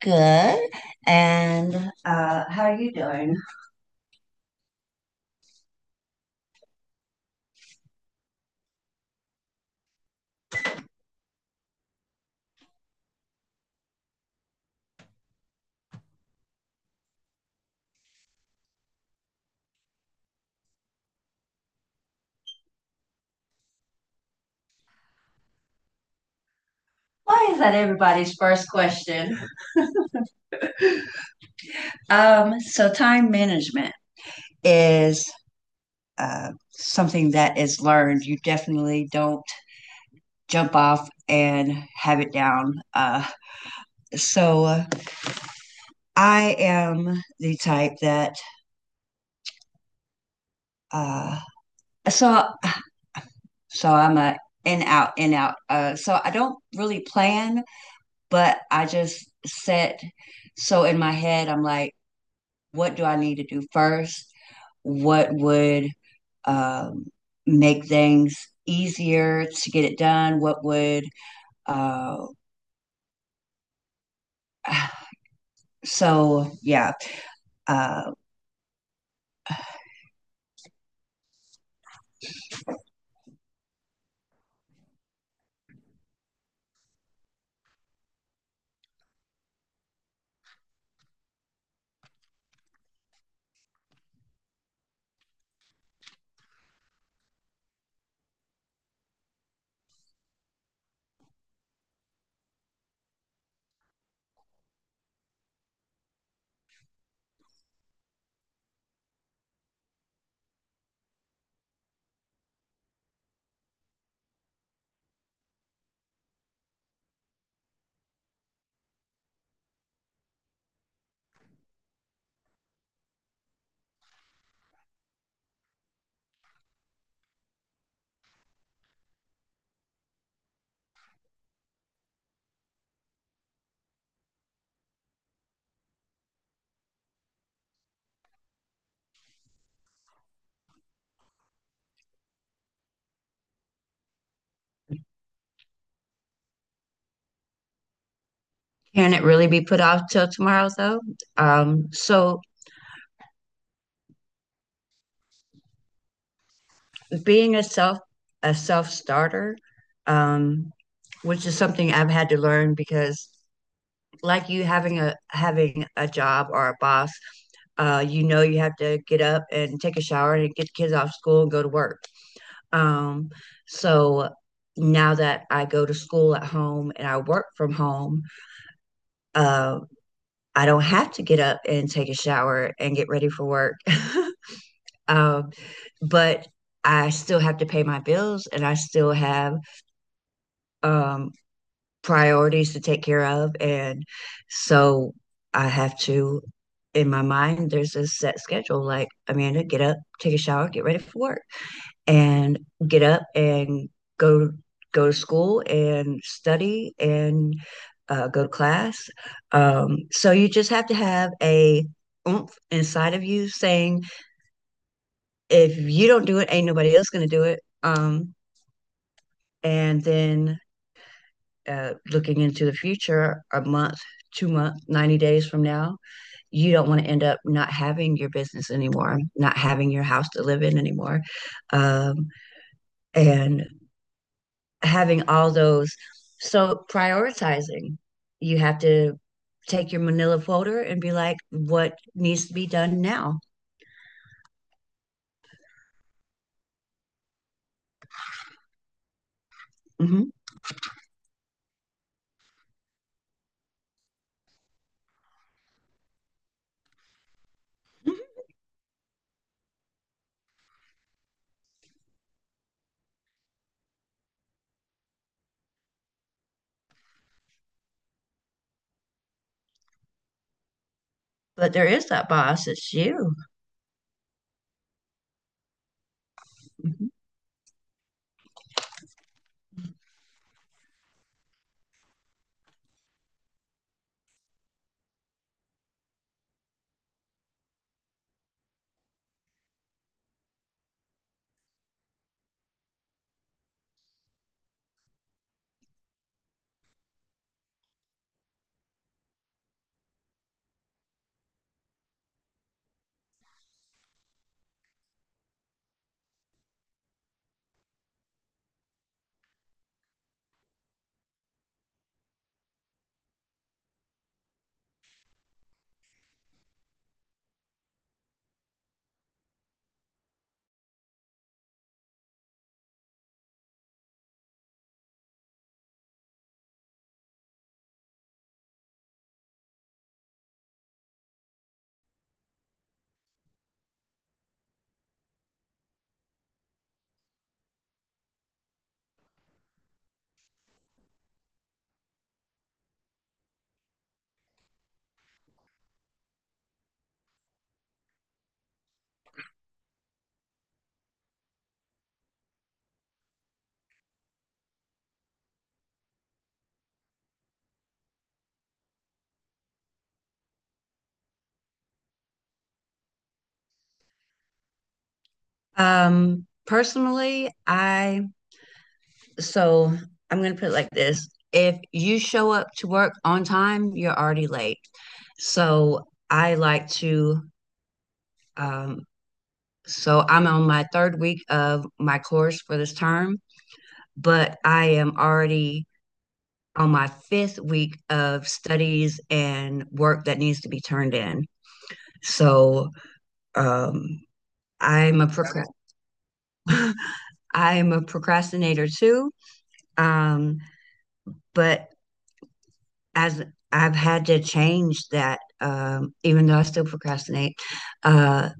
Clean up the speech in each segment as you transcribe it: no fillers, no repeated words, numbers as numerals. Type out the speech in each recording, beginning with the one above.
Good. And Why is that everybody's first question? So time management is something that is learned. You definitely don't jump off and have it down. So uh, I am the type that uh, so I'm a in out in out. So I don't really plan, but I just set. So in my head, I'm like, what do I need to do first? What would um, make things easier to get it done? Uh, so yeah. Uh, Can it really be put off till tomorrow though? So being a self starter, um, which is something I've had to learn because like you having a job or a boss, you know you have to get up and take a shower and get the kids off school and go to work. Um, so now that I go to school at home and I work from home, uh, I don't have to get up and take a shower and get ready for work. um, but I still have to pay my bills and I still have um, priorities to take care of. And so I have to, in my mind, there's a set schedule like, Amanda, get up, take a shower, get ready for work, and get up and go go to school and study and go to class. So you just have to have a oomph inside of you saying, if you don't do it, ain't nobody else going to do it. And then looking into the future, a month, 2 months, 90 days from now, you don't want to end up not having your business anymore, not having your house to live in anymore. Um, and having all those. So prioritizing, you have to take your manila folder and be like, what needs to be done now? Hmm. But there is that boss, it's you. Mhm. Personally, so I'm going to put it like this. If you show up to work on time, you're already late. So I like to, um, I'm on my third week of my course for this term, but I am already on my fifth week of studies and work that needs to be turned in. So um, I'm a procra- I'm a procrastinator too. Um, but as I've had to change that, even though I still procrastinate. Uh,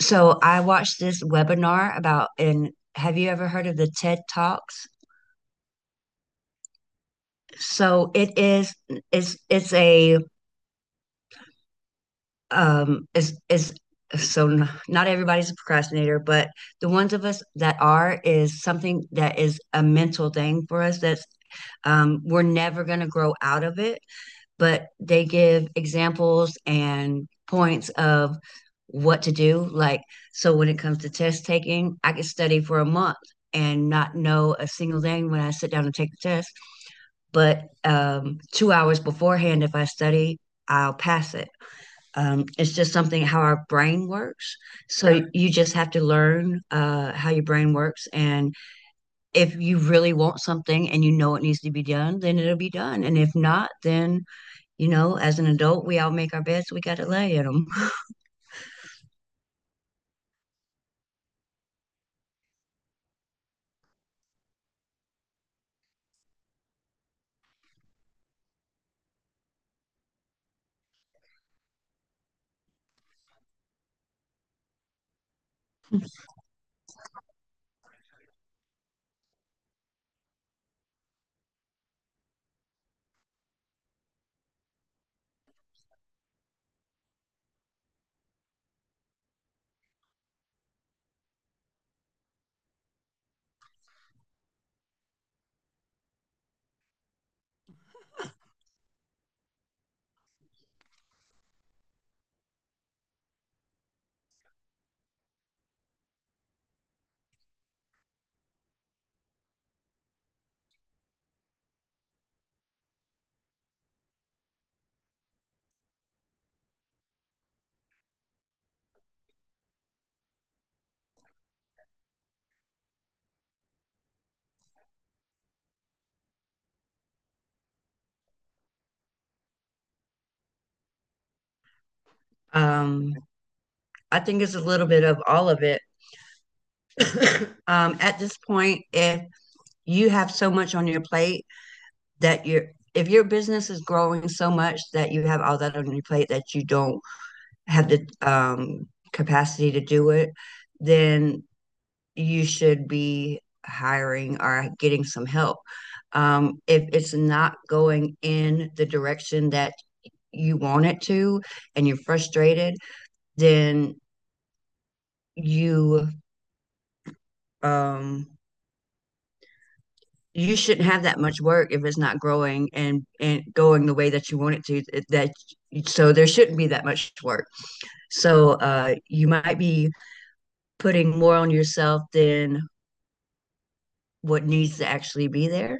so I watched this webinar about, and have you ever heard of the TED Talks? So it is, it's a, it's, so Not everybody's a procrastinator, but the ones of us that are is something that is a mental thing for us. We're never going to grow out of it, but they give examples and points of what to do. Like, so when it comes to test taking, I could study for a month and not know a single thing when I sit down and take the test. But 2 hours beforehand, if I study, I'll pass it. It's just something how our brain works. So you just have to learn how your brain works. And if you really want something and you know it needs to be done, then it'll be done. And if not, then you know, as an adult, we all make our beds, we got to lay in them. Um, I think it's a little bit of all of it. At this point, if you have so much on your plate that you're, if your business is growing so much that you have all that on your plate that you don't have the capacity to do it, then you should be hiring or getting some help. If it's not going in the direction that you want it to and you're frustrated, then you um you shouldn't have that much work if it's not growing and going the way that you want it to that so there shouldn't be that much work. So you might be putting more on yourself than what needs to actually be there.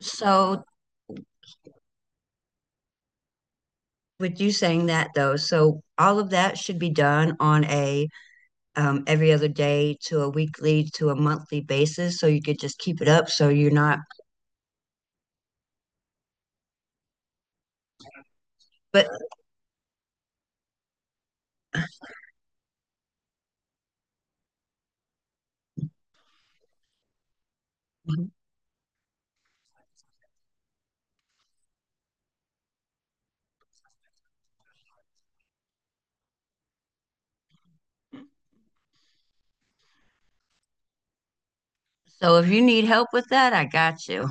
So with you saying that though, so all of that should be done on a, every other day to a weekly to a monthly basis so you could just keep it up so you're not but So if you need help with that, I got you.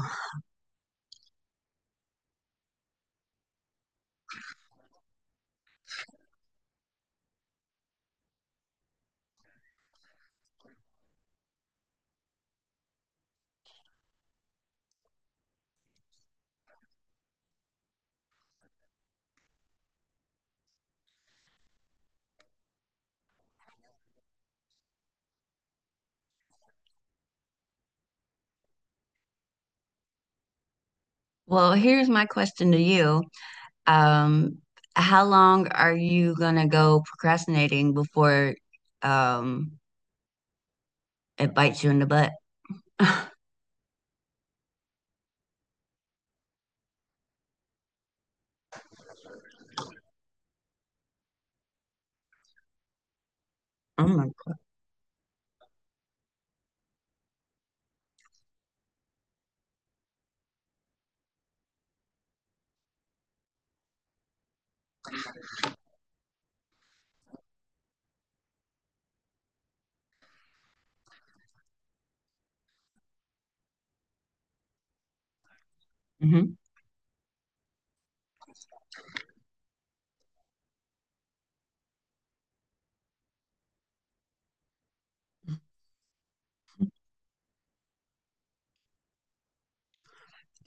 Well, here's my question to you. Um, how long are you gonna go procrastinating before um it bites you in the butt? Oh my. Mhm.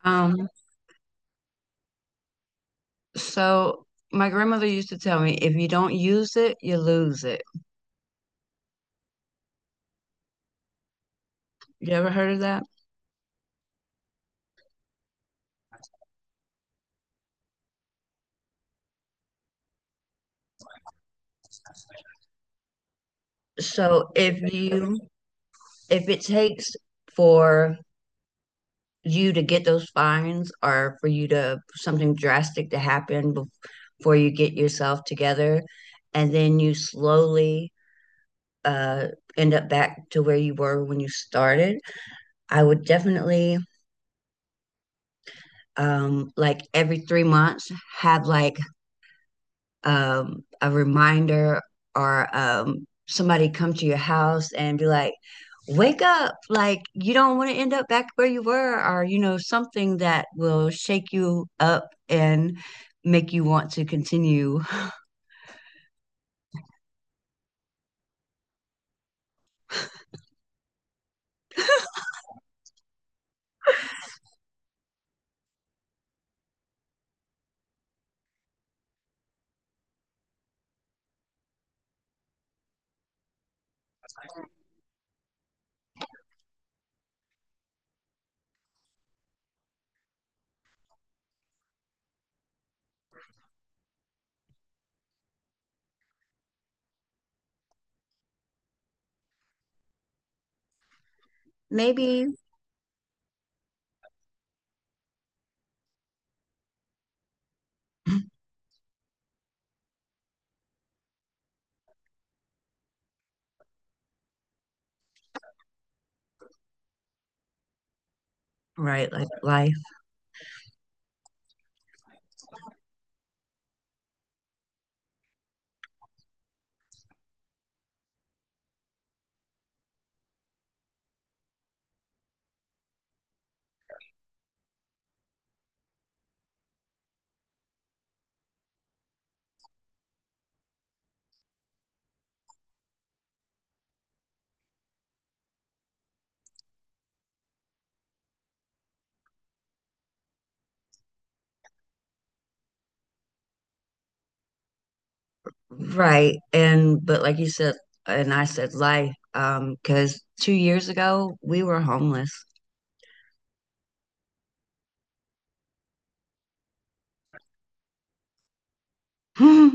Um, so my grandmother used to tell me, if you don't use it, you lose it. You ever heard of that? So if you, if it takes for you to get those fines or for you to something drastic to happen bef- before you get yourself together and then you slowly uh, end up back to where you were when you started, I would definitely, like every 3 months have like, a reminder or somebody come to your house and be like, wake up, like you don't want to end up back where you were, or you know, something that will shake you up and make you want to continue. Maybe. Right, like life. Right. And, but like you said, and I said life, because 2 years ago we were homeless. uh,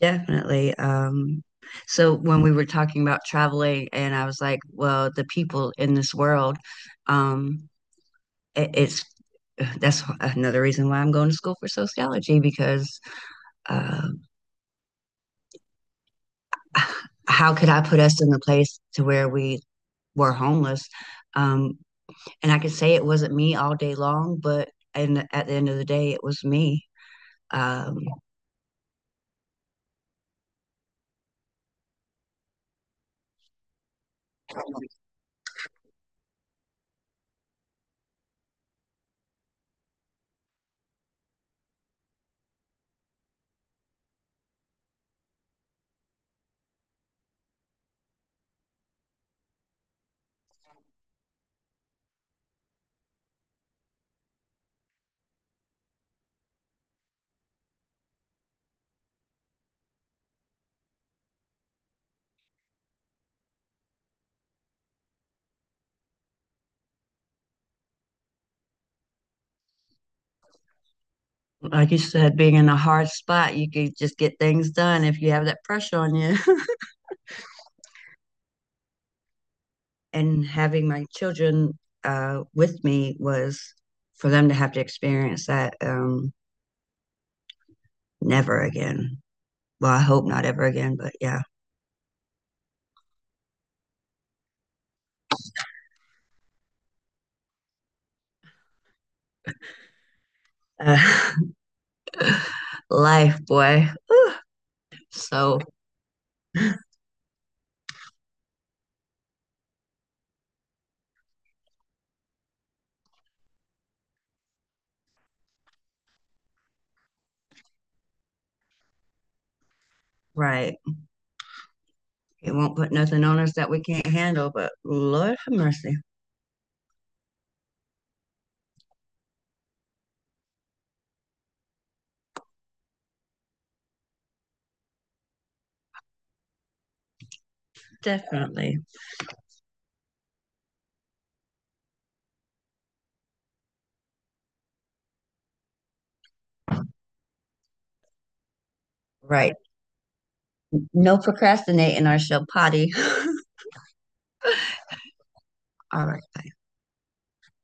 Definitely. So when we were talking about traveling, and I was like, well, the people in this world, um, it's that's another reason why I'm going to school for sociology because uh, how could I put us in the place to where we were homeless? Um, and I could say it wasn't me all day long, but and at the end of the day, it was me. Um, like you said, being in a hard spot, you could just get things done if you have that pressure on you. And having my children with me was, for them to have to experience that, never again. Well, I hope not ever again, but yeah. Uh, life, boy. Whew. So, right. It won't put nothing on us that we can't handle, but Lord have mercy. Definitely. Right. No procrastinating or she'll potty. All right.